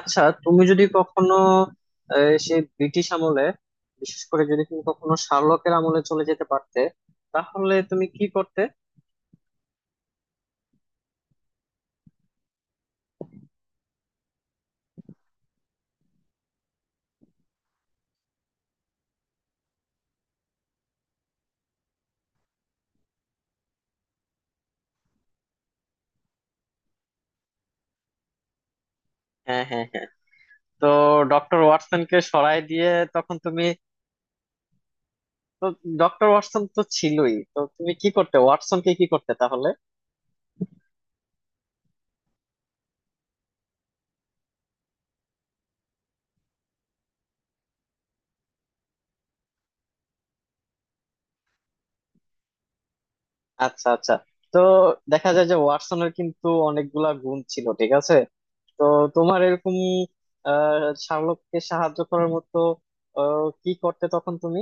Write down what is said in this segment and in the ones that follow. আচ্ছা, তুমি যদি কখনো সেই ব্রিটিশ আমলে বিশেষ করে যদি তুমি কখনো শার্লকের আমলে চলে যেতে পারতে তাহলে তুমি কি করতে? হ্যাঁ হ্যাঁ হ্যাঁ। তো ডক্টর ওয়াটসনকে সরাই দিয়ে তখন তুমি, তো ডক্টর ওয়াটসন তো ছিলই, তো তুমি কি করতে? ওয়াটসনকে কি করতে তাহলে? আচ্ছা আচ্ছা। তো দেখা যায় যে ওয়াটসনের কিন্তু অনেকগুলা গুণ ছিল, ঠিক আছে। তো তোমার এরকম শার্লককে সাহায্য করার মতো কি করতে তখন তুমি?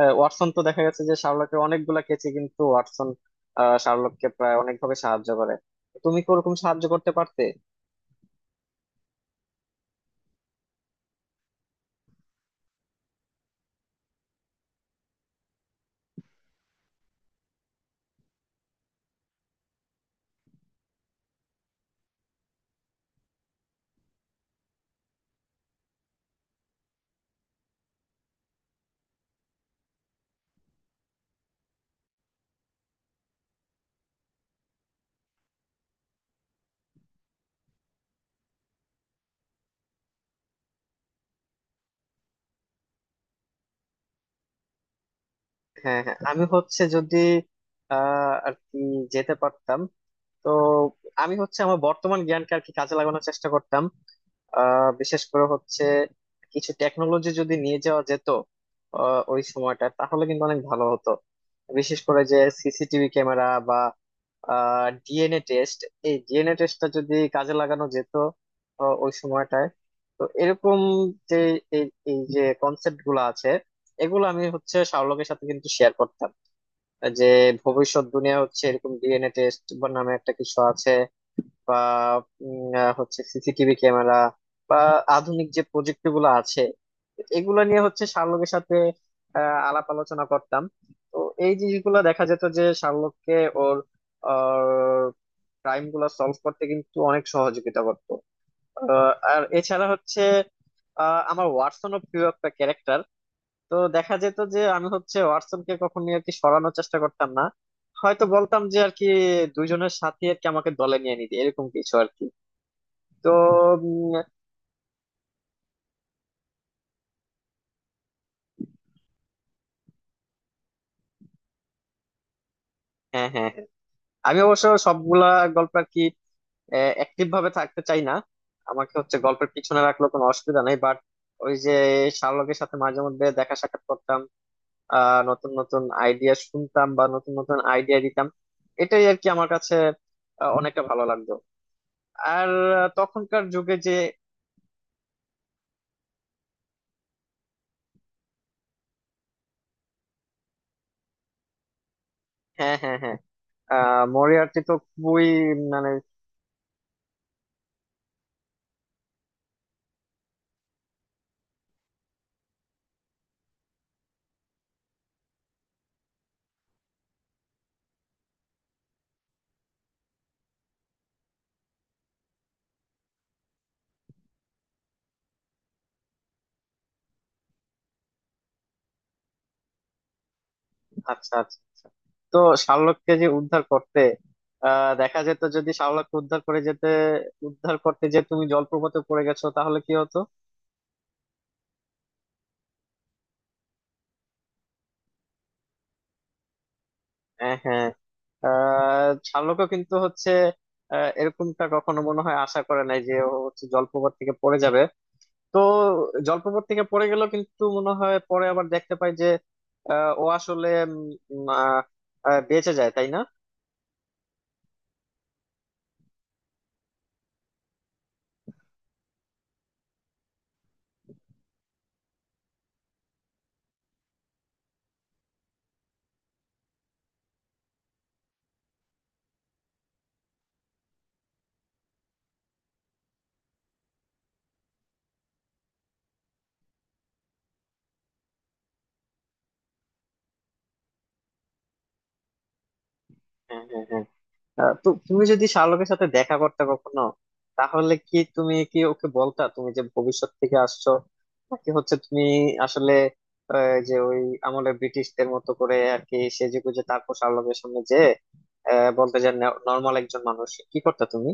ওয়াটসন তো দেখা গেছে যে শার্লকের অনেকগুলা কেচে কিন্তু ওয়াটসন শার্লককে প্রায় অনেকভাবে সাহায্য করে। তো তুমি কি ওরকম সাহায্য করতে পারতে? হ্যাঁ হ্যাঁ, আমি হচ্ছে যদি আর কি যেতে পারতাম, তো আমি হচ্ছে আমার বর্তমান জ্ঞানকে আর কি কাজে লাগানোর চেষ্টা করতাম। বিশেষ করে হচ্ছে কিছু টেকনোলজি যদি নিয়ে যাওয়া যেত ওই সময়টা, তাহলে কিন্তু অনেক ভালো হতো। বিশেষ করে যে CCTV ক্যামেরা বা DNA টেস্ট, এই DNA টেস্টটা যদি কাজে লাগানো যেত ওই সময়টায়। তো এরকম যে এই এই যে কনসেপ্ট গুলো আছে এগুলো আমি হচ্ছে শাওলকের সাথে কিন্তু শেয়ার করতাম, যে ভবিষ্যৎ দুনিয়া হচ্ছে এরকম DNA টেস্ট বা নামে একটা কিছু আছে, বা হচ্ছে CCTV ক্যামেরা বা আধুনিক যে প্রযুক্তি গুলো আছে এগুলো নিয়ে হচ্ছে শার্লকের সাথে আলাপ আলোচনা করতাম। তো এই জিনিসগুলো দেখা যেত যে শার্লককে ওর ক্রাইম গুলো সলভ করতে কিন্তু অনেক সহযোগিতা করতো। আর এছাড়া হচ্ছে আমার ওয়াটসন ও প্রিয় একটা ক্যারেক্টার। তো দেখা যেত যে আমি হচ্ছে ওয়াটসনকে কখনোই আর কি সরানোর চেষ্টা করতাম না। হয়তো বলতাম যে আর কি দুইজনের সাথে আর কি আমাকে দলে নিয়ে নিতে এরকম কিছু আর কি তো উম, হ্যাঁ হ্যাঁ। আমি অবশ্য সবগুলা গল্প আর কি অ্যাক্টিভ ভাবে থাকতে চাই না। আমাকে হচ্ছে গল্পের পিছনে রাখলেও কোনো অসুবিধা নেই, বাট ওই যে শার্লকের সাথে মাঝে মধ্যে দেখা সাক্ষাৎ করতাম। নতুন নতুন আইডিয়া শুনতাম বা নতুন নতুন আইডিয়া দিতাম, এটাই আর কি আমার কাছে অনেকটা ভালো লাগতো। আর তখনকার যুগে যে হ্যাঁ হ্যাঁ হ্যাঁ। মরিয়ার্টি তো খুবই, মানে, আচ্ছা আচ্ছা আচ্ছা। তো শার্লককে যে উদ্ধার করতে দেখা যেত, যদি শার্লককে উদ্ধার করে যেতে উদ্ধার করতে যে তুমি জলপ্রপাতে পড়ে গেছো তাহলে কি হতো? হ্যাঁ হ্যাঁ। শার্লকও কিন্তু হচ্ছে এরকমটা কখনো মনে হয় আশা করে নাই যে ও হচ্ছে জলপ্রপাত থেকে পড়ে যাবে। তো জলপ্রপাত থেকে পড়ে গেল কিন্তু মনে হয় পরে আবার দেখতে পাই যে ও আসলে উম, আহ, বেঁচে যায়, তাই না? হ্যাঁ হ্যাঁ হ্যাঁ। তো তুমি যদি শাহরুখের সাথে দেখা করতে কখনো তাহলে কি তুমি ওকে বলতা তুমি যে ভবিষ্যৎ থেকে আসছো, নাকি হচ্ছে তুমি আসলে যে ওই আমলে ব্রিটিশদের মতো করে আর কি সেজেগুজে তারপর শাহরুখের সামনে যে বলতে যে নর্মাল একজন মানুষ, কি করতে তুমি?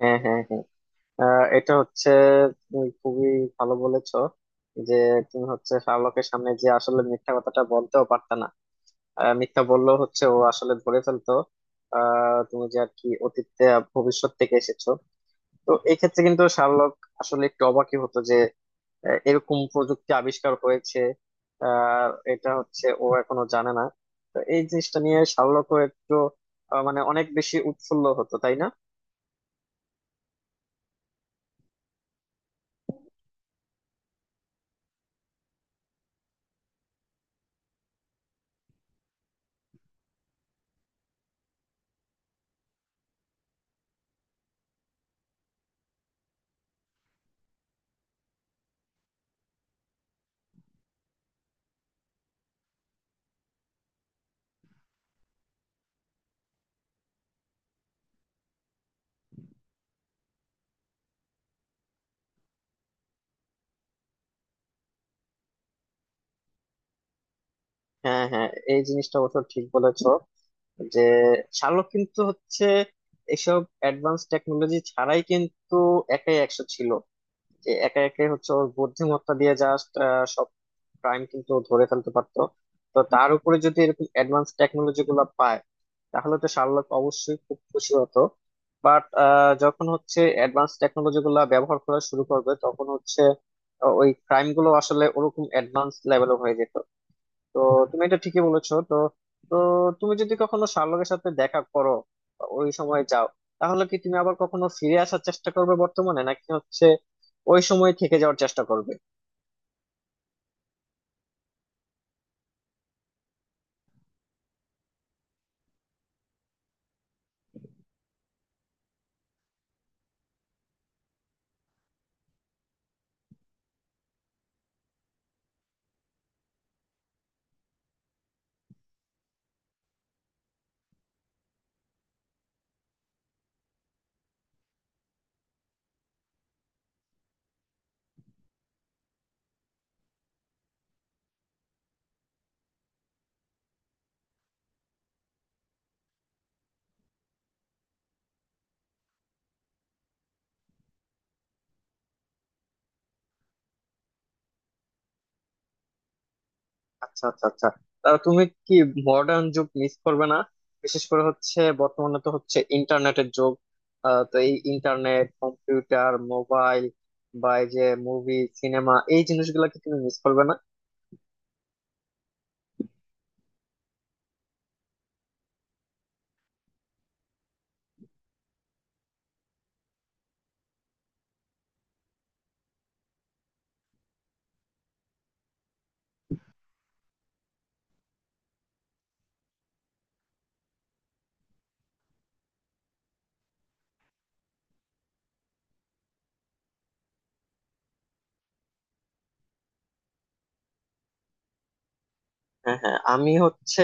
হ্যাঁ হ্যাঁ হ্যাঁ। এটা হচ্ছে তুমি খুবই ভালো বলেছো, যে তুমি হচ্ছে শাহরুখের সামনে যে আসলে মিথ্যা কথাটা বলতেও পারতা না। মিথ্যা বললেও হচ্ছে ও আসলে ধরে ফেলতো তুমি যে আর কি অতীতে আর ভবিষ্যৎ থেকে এসেছো। তো এই ক্ষেত্রে কিন্তু শার্লক আসলে একটু অবাকই হতো যে এরকম প্রযুক্তি আবিষ্কার হয়েছে আর এটা হচ্ছে ও এখনো জানে না। তো এই জিনিসটা নিয়ে শার্লকও একটু মানে অনেক বেশি উৎফুল্ল হতো, তাই না? হ্যাঁ হ্যাঁ। এই জিনিসটা অবশ্য ঠিক বলেছো, যে শার্লক কিন্তু হচ্ছে এসব অ্যাডভান্স টেকনোলজি ছাড়াই কিন্তু একাই একশো ছিল। যে একে একে হচ্ছে ওর বুদ্ধিমত্তা দিয়ে জাস্ট সব ক্রাইম কিন্তু ও ধরে ফেলতে পারতো। তো তার উপরে যদি এরকম অ্যাডভান্স টেকনোলজি গুলো পায় তাহলে তো শার্লক অবশ্যই খুব খুশি হতো, বাট যখন হচ্ছে অ্যাডভান্স টেকনোলজি গুলা ব্যবহার করা শুরু করবে তখন হচ্ছে ওই ক্রাইম গুলো আসলে ওরকম অ্যাডভান্স লেভেলের হয়ে যেত। তো তুমি এটা ঠিকই বলেছো। তো তো তুমি যদি কখনো শার্লকের সাথে দেখা করো বা ওই সময় যাও তাহলে কি তুমি আবার কখনো ফিরে আসার চেষ্টা করবে বর্তমানে, নাকি হচ্ছে ওই সময় থেকে যাওয়ার চেষ্টা করবে? আচ্ছা আচ্ছা আচ্ছা। তাহলে তুমি কি মডার্ন যুগ মিস করবে না? বিশেষ করে হচ্ছে বর্তমানে তো হচ্ছে ইন্টারনেটের যুগ। তো এই ইন্টারনেট, কম্পিউটার, মোবাইল বা এই যে মুভি সিনেমা, এই জিনিসগুলো কি তুমি মিস করবে না? হ্যাঁ হ্যাঁ, আমি হচ্ছে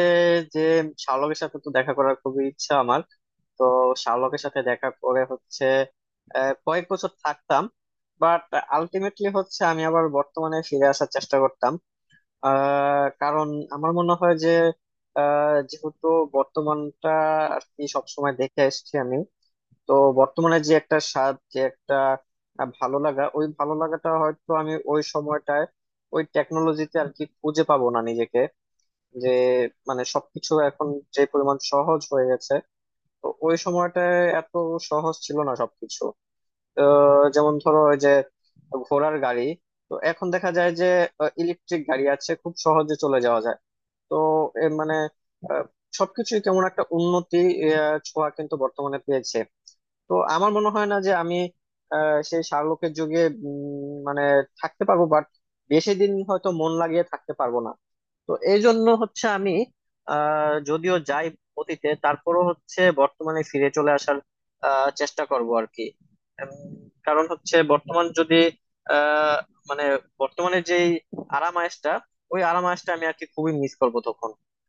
যে শাওলকের সাথে তো দেখা করার খুবই ইচ্ছা আমার। তো শাওলকের সাথে দেখা করে হচ্ছে কয়েক বছর থাকতাম, বাট আলটিমেটলি হচ্ছে আমি আবার বর্তমানে ফিরে আসার চেষ্টা করতাম। কারণ আমার মনে হয় যে যেহেতু বর্তমানটা আর কি সবসময় দেখে এসেছি আমি, তো বর্তমানে যে একটা স্বাদ, যে একটা ভালো লাগা, ওই ভালো লাগাটা হয়তো আমি ওই সময়টায় ওই টেকনোলজিতে আর কি খুঁজে পাবো না নিজেকে। যে মানে সবকিছু এখন যে পরিমাণ সহজ হয়ে গেছে, তো ওই সময়টা এত সহজ ছিল না সবকিছু। যেমন ধরো ওই যে ঘোড়ার গাড়ি, তো এখন দেখা যায় যে ইলেকট্রিক গাড়ি আছে, খুব সহজে চলে যাওয়া যায়। তো এ মানে আহ, সবকিছুই কেমন একটা উন্নতি ছোঁয়া কিন্তু বর্তমানে পেয়েছে। তো আমার মনে হয় না যে আমি সেই শার্লকের যুগে মানে থাকতে পারবো। বাট বেশি দিন হয়তো মন লাগিয়ে থাকতে পারবো না। তো এই জন্য হচ্ছে আমি যদিও যাই অতীতে, তারপরও হচ্ছে বর্তমানে ফিরে চলে আসার চেষ্টা করব আর কি উম, কারণ হচ্ছে বর্তমান যদি আহ মানে বর্তমানে যেই আরাম আয়েশটা, ওই আরাম আয়েশটা আমি আর কি খুবই মিস করব তখন।